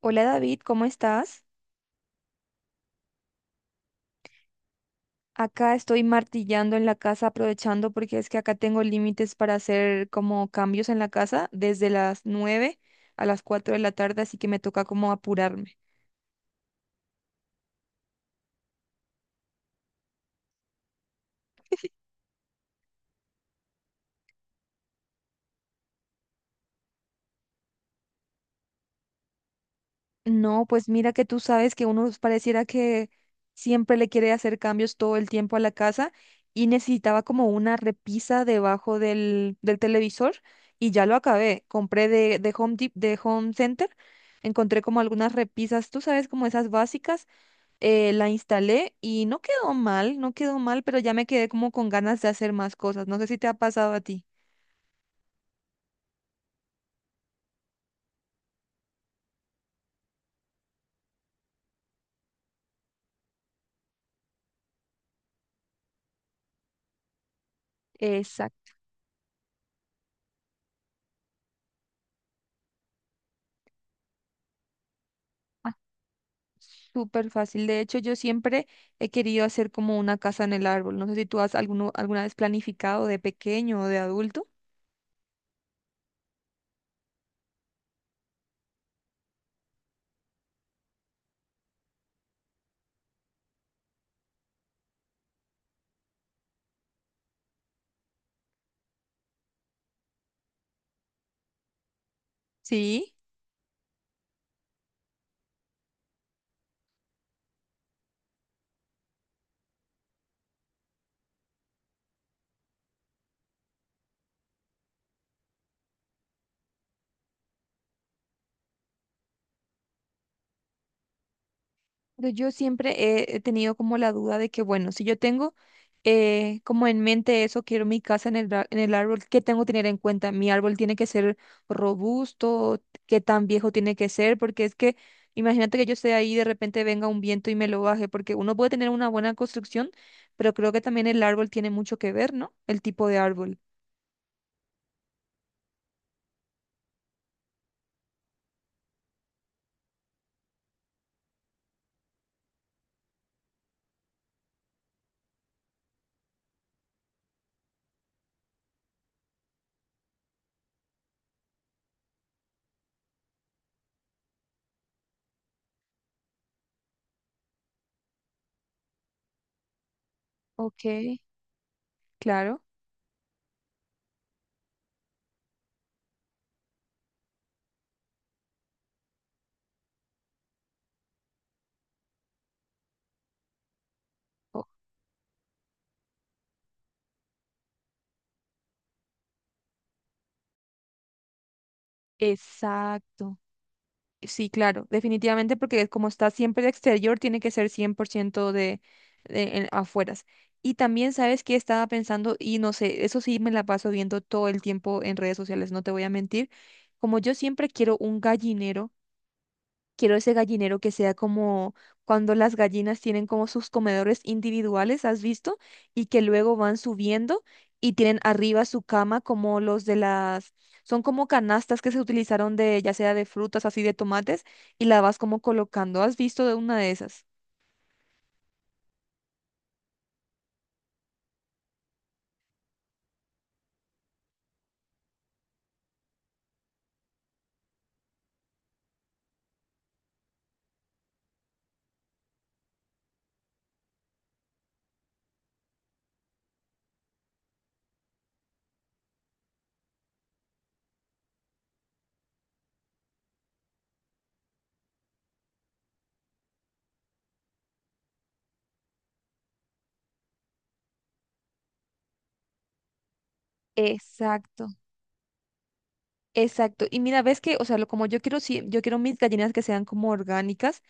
Hola David, ¿cómo estás? Acá estoy martillando en la casa aprovechando porque es que acá tengo límites para hacer como cambios en la casa desde las 9 a las 4 de la tarde, así que me toca como apurarme. No, pues mira que tú sabes que uno pareciera que siempre le quiere hacer cambios todo el tiempo a la casa y necesitaba como una repisa debajo del televisor y ya lo acabé. Compré de de Home Center, encontré como algunas repisas, tú sabes, como esas básicas, la instalé y no quedó mal, no quedó mal, pero ya me quedé como con ganas de hacer más cosas. ¿No sé si te ha pasado a ti? Exacto. Ah, Súper fácil. De hecho, yo siempre he querido hacer como una casa en el árbol. No sé si tú has alguna vez planificado de pequeño o de adulto. Sí. Pero yo siempre he tenido como la duda de que, bueno, si yo tengo, como en mente eso, quiero mi casa en el, en el árbol, ¿qué tengo que tener en cuenta? Mi árbol tiene que ser robusto, ¿qué tan viejo tiene que ser? Porque es que imagínate que yo esté ahí y de repente venga un viento y me lo baje. Porque uno puede tener una buena construcción, pero creo que también el árbol tiene mucho que ver, ¿no? El tipo de árbol. Ok, claro. o- Exacto. Sí, claro, definitivamente, porque como está siempre de exterior, tiene que ser 100% afueras. Y también, ¿sabes qué estaba pensando? Y no sé, eso sí me la paso viendo todo el tiempo en redes sociales, no te voy a mentir. Como yo siempre quiero un gallinero. Quiero ese gallinero que sea como cuando las gallinas tienen como sus comedores individuales, ¿has visto? Y que luego van subiendo y tienen arriba su cama como los de las... Son como canastas que se utilizaron de, ya sea de frutas, así de tomates, y la vas como colocando. ¿Has visto de una de esas? Exacto. Exacto. Y mira, ves que, o sea, lo, como yo quiero, sí, yo quiero mis gallinas que sean como orgánicas.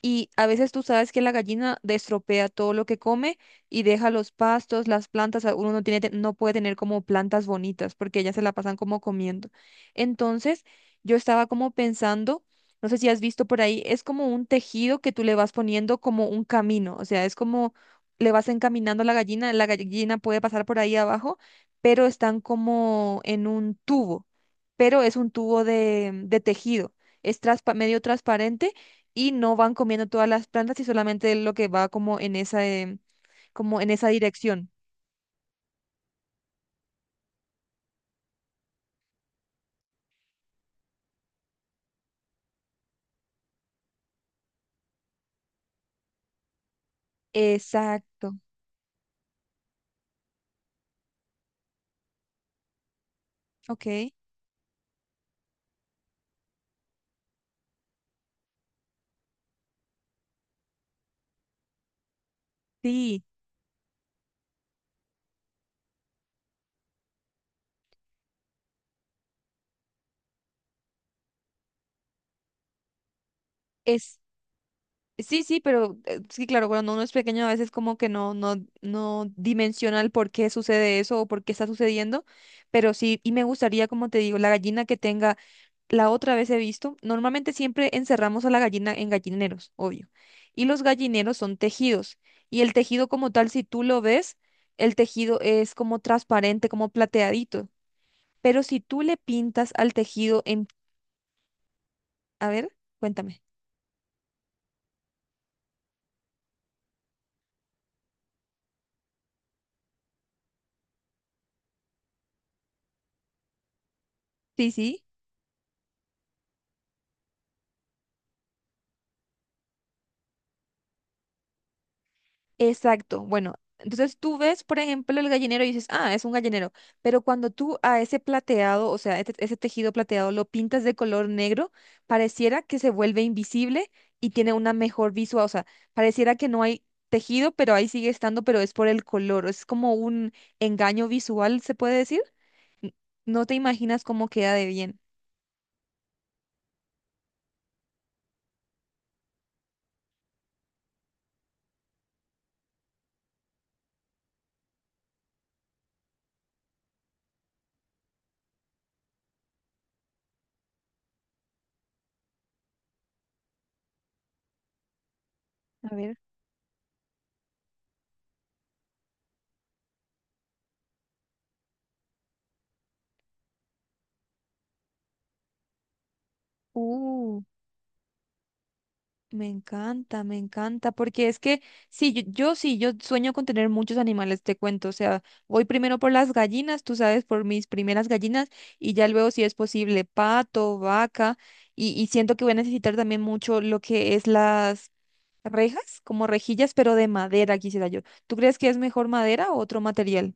Y a veces tú sabes que la gallina destropea todo lo que come y deja los pastos, las plantas, uno no tiene, no puede tener como plantas bonitas porque ellas se la pasan como comiendo. Entonces, yo estaba como pensando, no sé si has visto por ahí, es como un tejido que tú le vas poniendo como un camino, o sea, es como le vas encaminando a la gallina puede pasar por ahí abajo, pero están como en un tubo, pero es un tubo de tejido, es medio transparente y no van comiendo todas las plantas y solamente lo que va como en esa, como en esa dirección. Exacto. Ok. Sí. es Sí, sí, pero sí, claro, cuando uno es pequeño a veces como que no dimensiona el por qué sucede eso o por qué está sucediendo, pero sí, y me gustaría, como te digo, la gallina que tenga, la otra vez he visto, normalmente siempre encerramos a la gallina en gallineros, obvio, y los gallineros son tejidos, y el tejido como tal, si tú lo ves, el tejido es como transparente, como plateadito, pero si tú le pintas al tejido en, a ver, cuéntame. Sí, sí. Exacto. Bueno, entonces tú ves, por ejemplo, el gallinero y dices, ah, es un gallinero. Pero cuando tú a ese plateado, o sea, ese tejido plateado lo pintas de color negro, pareciera que se vuelve invisible y tiene una mejor visual. O sea, pareciera que no hay tejido, pero ahí sigue estando, pero es por el color. Es como un engaño visual, se puede decir. No te imaginas cómo queda de bien. A ver. Uh. Me encanta, porque es que sí, yo sí, yo sueño con tener muchos animales, te cuento, o sea, voy primero por las gallinas, tú sabes, por mis primeras gallinas, y ya luego si es posible, pato, vaca, y siento que voy a necesitar también mucho lo que es las rejas, como rejillas, pero de madera, quisiera yo. ¿Tú crees que es mejor madera o otro material?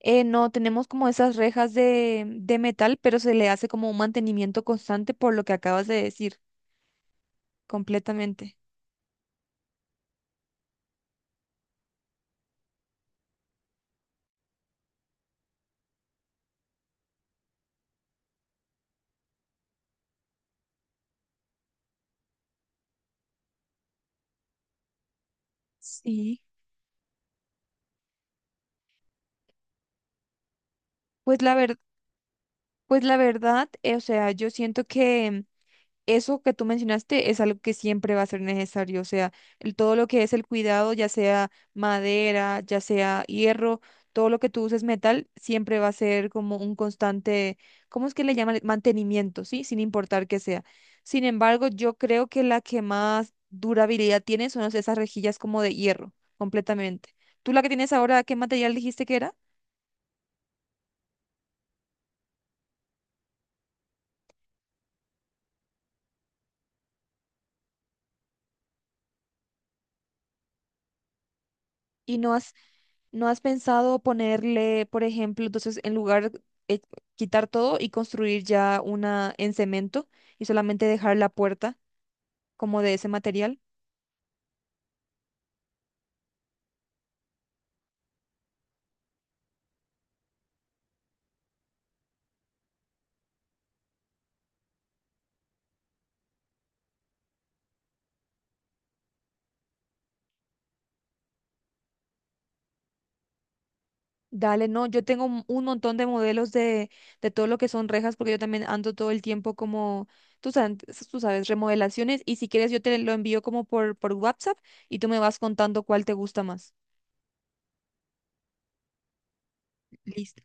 No, tenemos como esas rejas de metal, pero se le hace como un mantenimiento constante por lo que acabas de decir, completamente. Sí. Pues la ver, pues la verdad, o sea, yo siento que eso que tú mencionaste es algo que siempre va a ser necesario, o sea, el- todo lo que es el cuidado, ya sea madera, ya sea hierro, todo lo que tú uses metal, siempre va a ser como un constante, ¿cómo es que le llaman? Mantenimiento, ¿sí? Sin importar que sea. Sin embargo, yo creo que la que más durabilidad tiene son esas rejillas como de hierro, completamente. ¿Tú la que tienes ahora, qué material dijiste que era? Y no has, no has pensado ponerle, por ejemplo, entonces en lugar, eh, quitar todo y construir ya una en cemento y solamente dejar la puerta como de ese material. Dale, no, yo tengo un montón de modelos de todo lo que son rejas, porque yo también ando todo el tiempo como, tú sabes, tú sabes, remodelaciones, y si quieres yo te lo envío como por WhatsApp y tú me vas contando cuál te gusta más. Listo.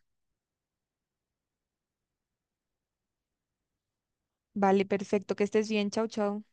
Vale, perfecto, que estés bien, chao, chao.